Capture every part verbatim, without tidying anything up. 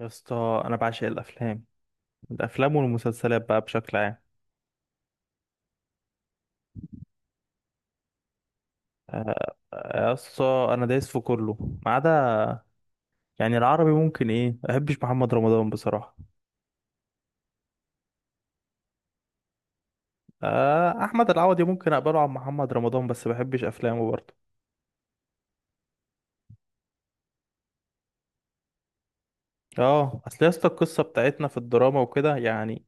يا اسطى انا بعشق الافلام. الافلام والمسلسلات بقى بشكل عام. آه، يا اسطى انا دايس في كله ما عدا، يعني العربي ممكن ايه. ما بحبش محمد رمضان بصراحه. آه، احمد العوضي ممكن اقبله عن محمد رمضان بس ما بحبش افلامه برضه. اه اصل يا اسطى القصه بتاعتنا في الدراما وكده يعني.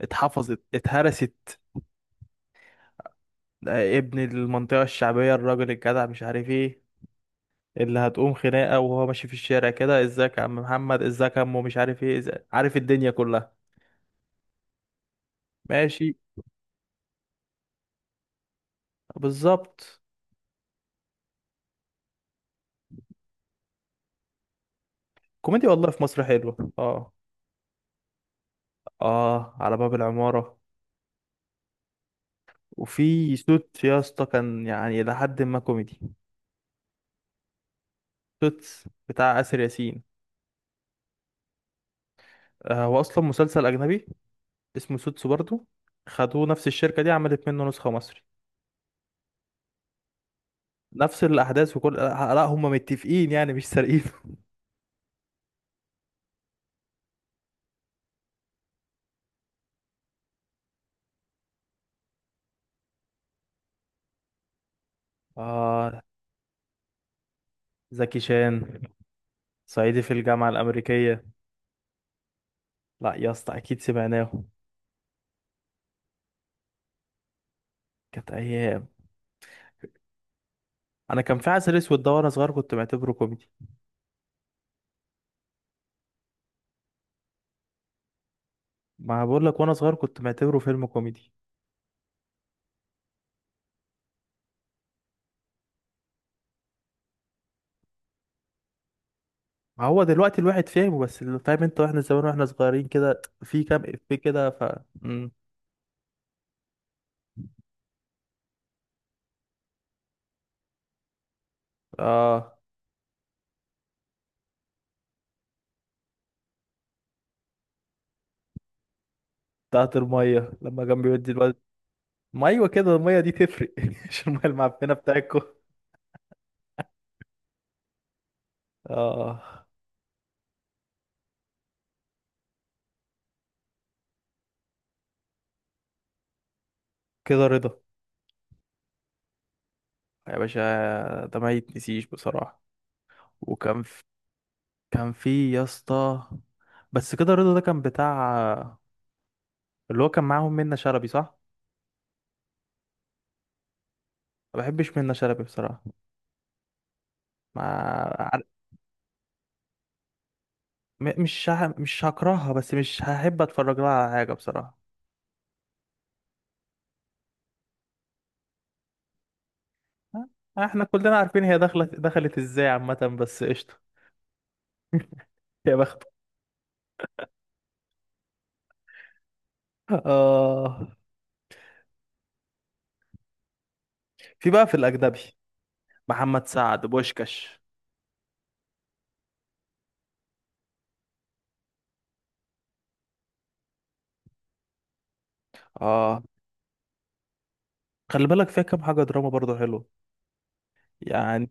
اتحفظت اتهرست. آه، ابن المنطقه الشعبيه الراجل الجدع مش عارف ايه، اللي هتقوم خناقه وهو ماشي في الشارع كده. ازيك يا عم محمد، ازيك يا عمو، مش عارف ايه، إزيك. عارف الدنيا كلها. ماشي. بالظبط. كوميديا والله في مصر حلوة، اه. اه، على باب العمارة. وفي سوت يا اسطى كان يعني إلى حد ما كوميدي. سوتس بتاع آسر ياسين. آه، هو أصلا مسلسل أجنبي اسمه سوتس برضه. خدوه نفس الشركة دي عملت منه نسخة مصري. نفس الأحداث وكل آه، لا، هم متفقين يعني مش سارقينه. اه، زكي شان. صعيدي في الجامعة الأمريكية. لا يا اسطى أكيد سمعناه. كانت أيام. أنا كان في عسل أسود ده، وأنا صغير كنت معتبره كوميدي. ما بقول لك وانا صغير كنت معتبره فيلم كوميدي. ما هو دلوقتي الواحد فاهمه، بس اللي فاهم انت واحنا زمان واحنا صغيرين كده في كام افيه كده، ف مم. اه. بتاعت الميه لما كان بيودي الواد. ما ايوه كده، الميه دي تفرق، مش الميه المعفنه بتاعتكم. اه كده رضا. يا باشا ده ما يتنسيش بصراحه. وكان في... كان في يا اسطى، بس كده رضا ده كان بتاع اللي هو كان معاهم منة شلبي، صح. ما بحبش منة شلبي بصراحه. ما م- مش ه... مش هكرهها بس مش هحب اتفرج لها على حاجه بصراحه. آه، احنا كلنا عارفين هي دخلت دخلت ازاي عامه. بس قشطه. يا بخت. اه، في بقى في الاجنبي محمد سعد بوشكاش. اه، خلي بالك فيها كام حاجه دراما برضه حلو يعني.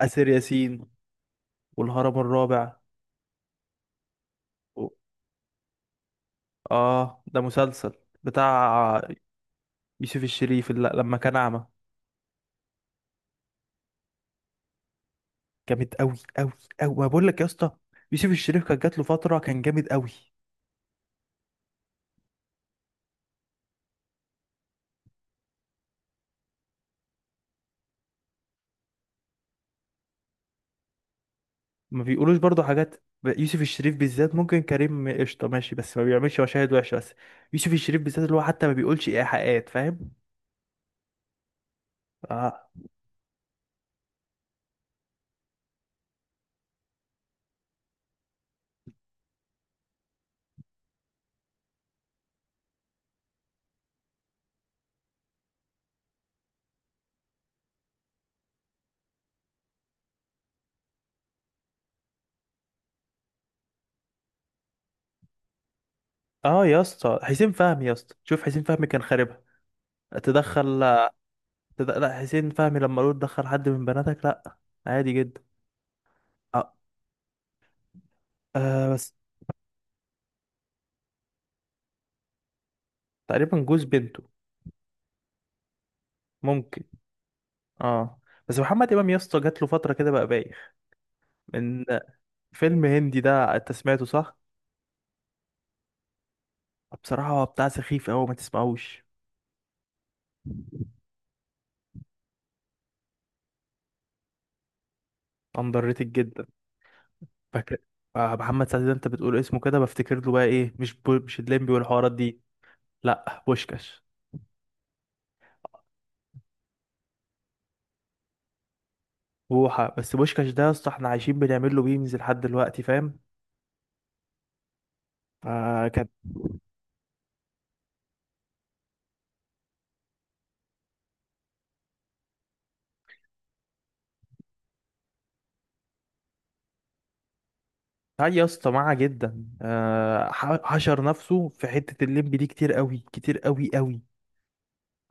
اسر ياسين والهرم الرابع و... اه، ده مسلسل بتاع يوسف الشريف، اللي لما كان اعمى. جامد قوي قوي قوي. ما بقول لك يا اسطى، يوسف الشريف كان جات له فتره كان جامد قوي. ما بيقولوش برضو حاجات ب- يوسف الشريف بالذات، ممكن كريم قشطة ماشي بس ما بيعملش مشاهد وحشة، بس يوسف الشريف بالذات اللي هو حتى ما بيقولش إيحاءات، فاهم. اه. اه يا اسطى حسين فهمي، يا اسطى شوف حسين فهمي كان خاربها. تدخل تد... لا، حسين فهمي لما قالوا تدخل حد من بناتك، لا، عادي جدا. اه، آه بس. تقريبا جوز بنته. ممكن. اه، بس محمد إمام يا اسطى جات له فترة كده بقى بايخ من فيلم هندي ده، انت سمعته صح؟ بصراحة هو بتاع سخيف أوي، ما تسمعوش. اندر ريتد جدا. فاكر آه، محمد سعد ده انت بتقول اسمه كده بفتكر له بقى ايه، مش بو... مش الليمبي والحوارات دي. لا، بوشكاش. بوحة، بس بوشكاش ده يا اسطى احنا عايشين بنعمل له ميمز لحد دلوقتي، فاهم. آه كان هاي يا اسطى معاه جدا. آه ح- حشر نفسه في حتة الليمبي دي كتير قوي كتير قوي قوي.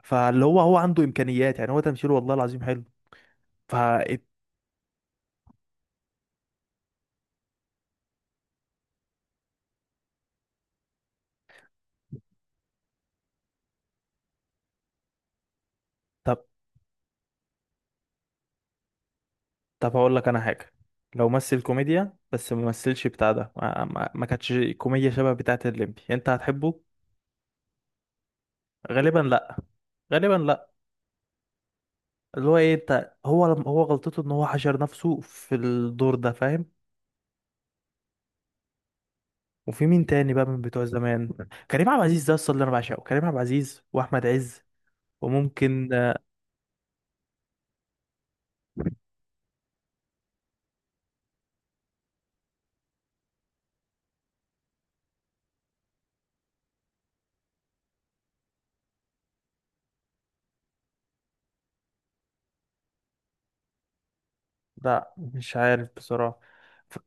فاللي هو هو عنده امكانيات يعني، هو تمثيله والله العظيم حلو. ف طب، طب هقول لك انا حاجة. لو مثل كوميديا بس ما مثلش بتاع ده، ما, ما... ما كانتش كوميديا شبه بتاعت الليمبي، انت هتحبه غالبا. غالبا لا. اللي هو ايه، انت هو هو غلطته ان هو حشر نفسه في الدور ده، فاهم. وفي مين تاني بقى من بتوع زمان؟ كريم عبد العزيز ده اصلا اللي انا بعشقه، كريم عبد العزيز واحمد عز. وممكن آه، لا، مش عارف بصراحة. ف-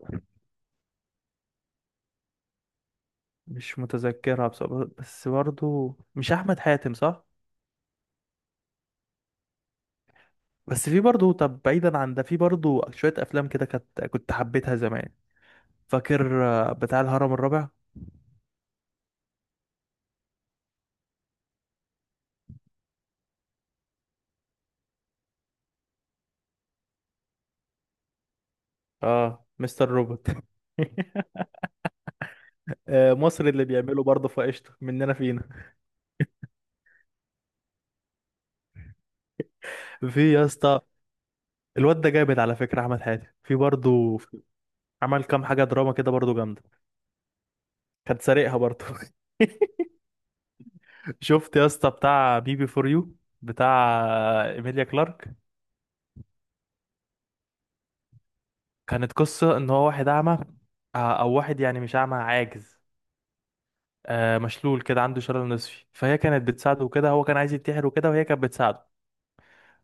مش متذكرها بصراحة، بس برضو مش احمد حاتم، صح. بس في برضو، طب بعيدا عن ده، في برضو شوية افلام كده كانت كنت حبيتها زمان. فاكر آه، بتاع الهرم الرابع. اه، مستر روبوت. آه، مصر اللي بيعمله برضه في قشطة مننا فينا. في يا اسطى الواد ده جامد، على فكرة احمد حاتم في برضه عمل كام حاجة دراما كده برضه جامدة. كانت سارقها برضه. شفت يا اسطى بتاع بيبي فور يو، بتاع ايميليا كلارك؟ كانت قصة ان هو واحد اعمى، آه، او واحد يعني مش اعمى، عاجز، آه، مشلول كده، عنده شلل نصفي. فهي كانت بتساعده كده، هو كان عايز ينتحر وكده، وهي كانت بتساعده.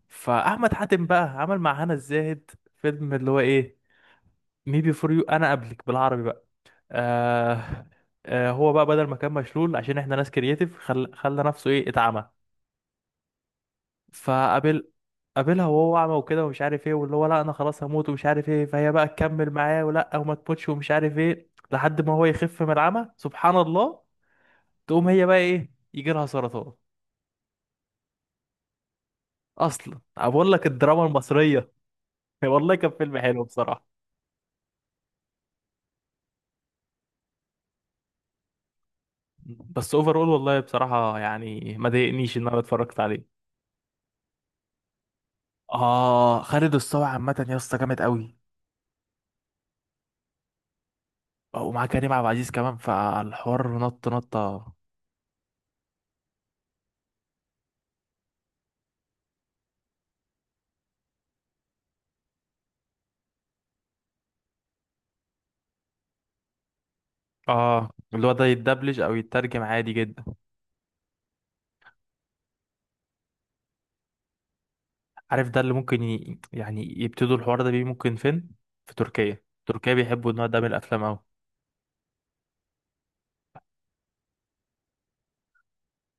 فاحمد حاتم بقى عمل مع هنا الزاهد فيلم اللي هو ايه، مي بي فور يو، انا قبلك بالعربي بقى. آه آه هو بقى بدل ما كان مشلول، عشان احنا ناس كرييتيف، خل... خلى نفسه ايه، اتعمى. فقابل قابلها وهو اعمى وكده ومش عارف ايه، واللي هو لا انا خلاص هموت ومش عارف ايه، فهي بقى تكمل معاه ولا وما تموتش ومش عارف ايه، لحد ما هو يخف من العمى سبحان الله. تقوم هي بقى ايه، يجي لها سرطان. اصلا أنا بقول لك الدراما المصرية. والله كان فيلم حلو بصراحة. بس اوفرول والله بصراحة يعني ما ضايقنيش ان انا اتفرجت عليه. اه، خالد الصاوي عامة يا اسطى جامد قوي. ومعاه كريم عبد العزيز كمان، فالحوار نط نطة. اه، اللي هو ده يتدبلج او يترجم عادي جدا. عارف ده اللي ممكن ي... يعني يبتدوا الحوار ده بيه ممكن فين؟ في تركيا، تركيا بيحبوا النوع ده من الافلام قوي.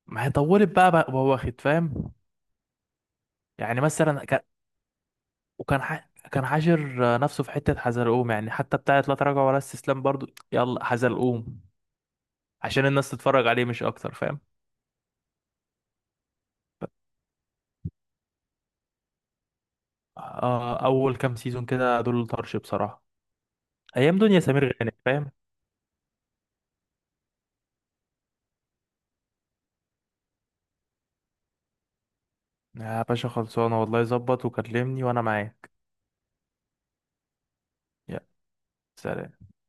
ما هي طولت بقى بقى وهو واخد، فاهم. يعني مثلا كان، وكان ح... كان حاشر نفسه في حتة حزلقوم يعني، حتى بتاعت لا تراجع ولا استسلام برضو يلا حزلقوم، عشان الناس تتفرج عليه مش اكتر، فاهم. آه، اول كام سيزون كده دول طرش بصراحة. ايام دنيا سمير غانم، فاهم. يا باشا خلصانة والله، ظبط وكلمني وانا معاك. يا سلام.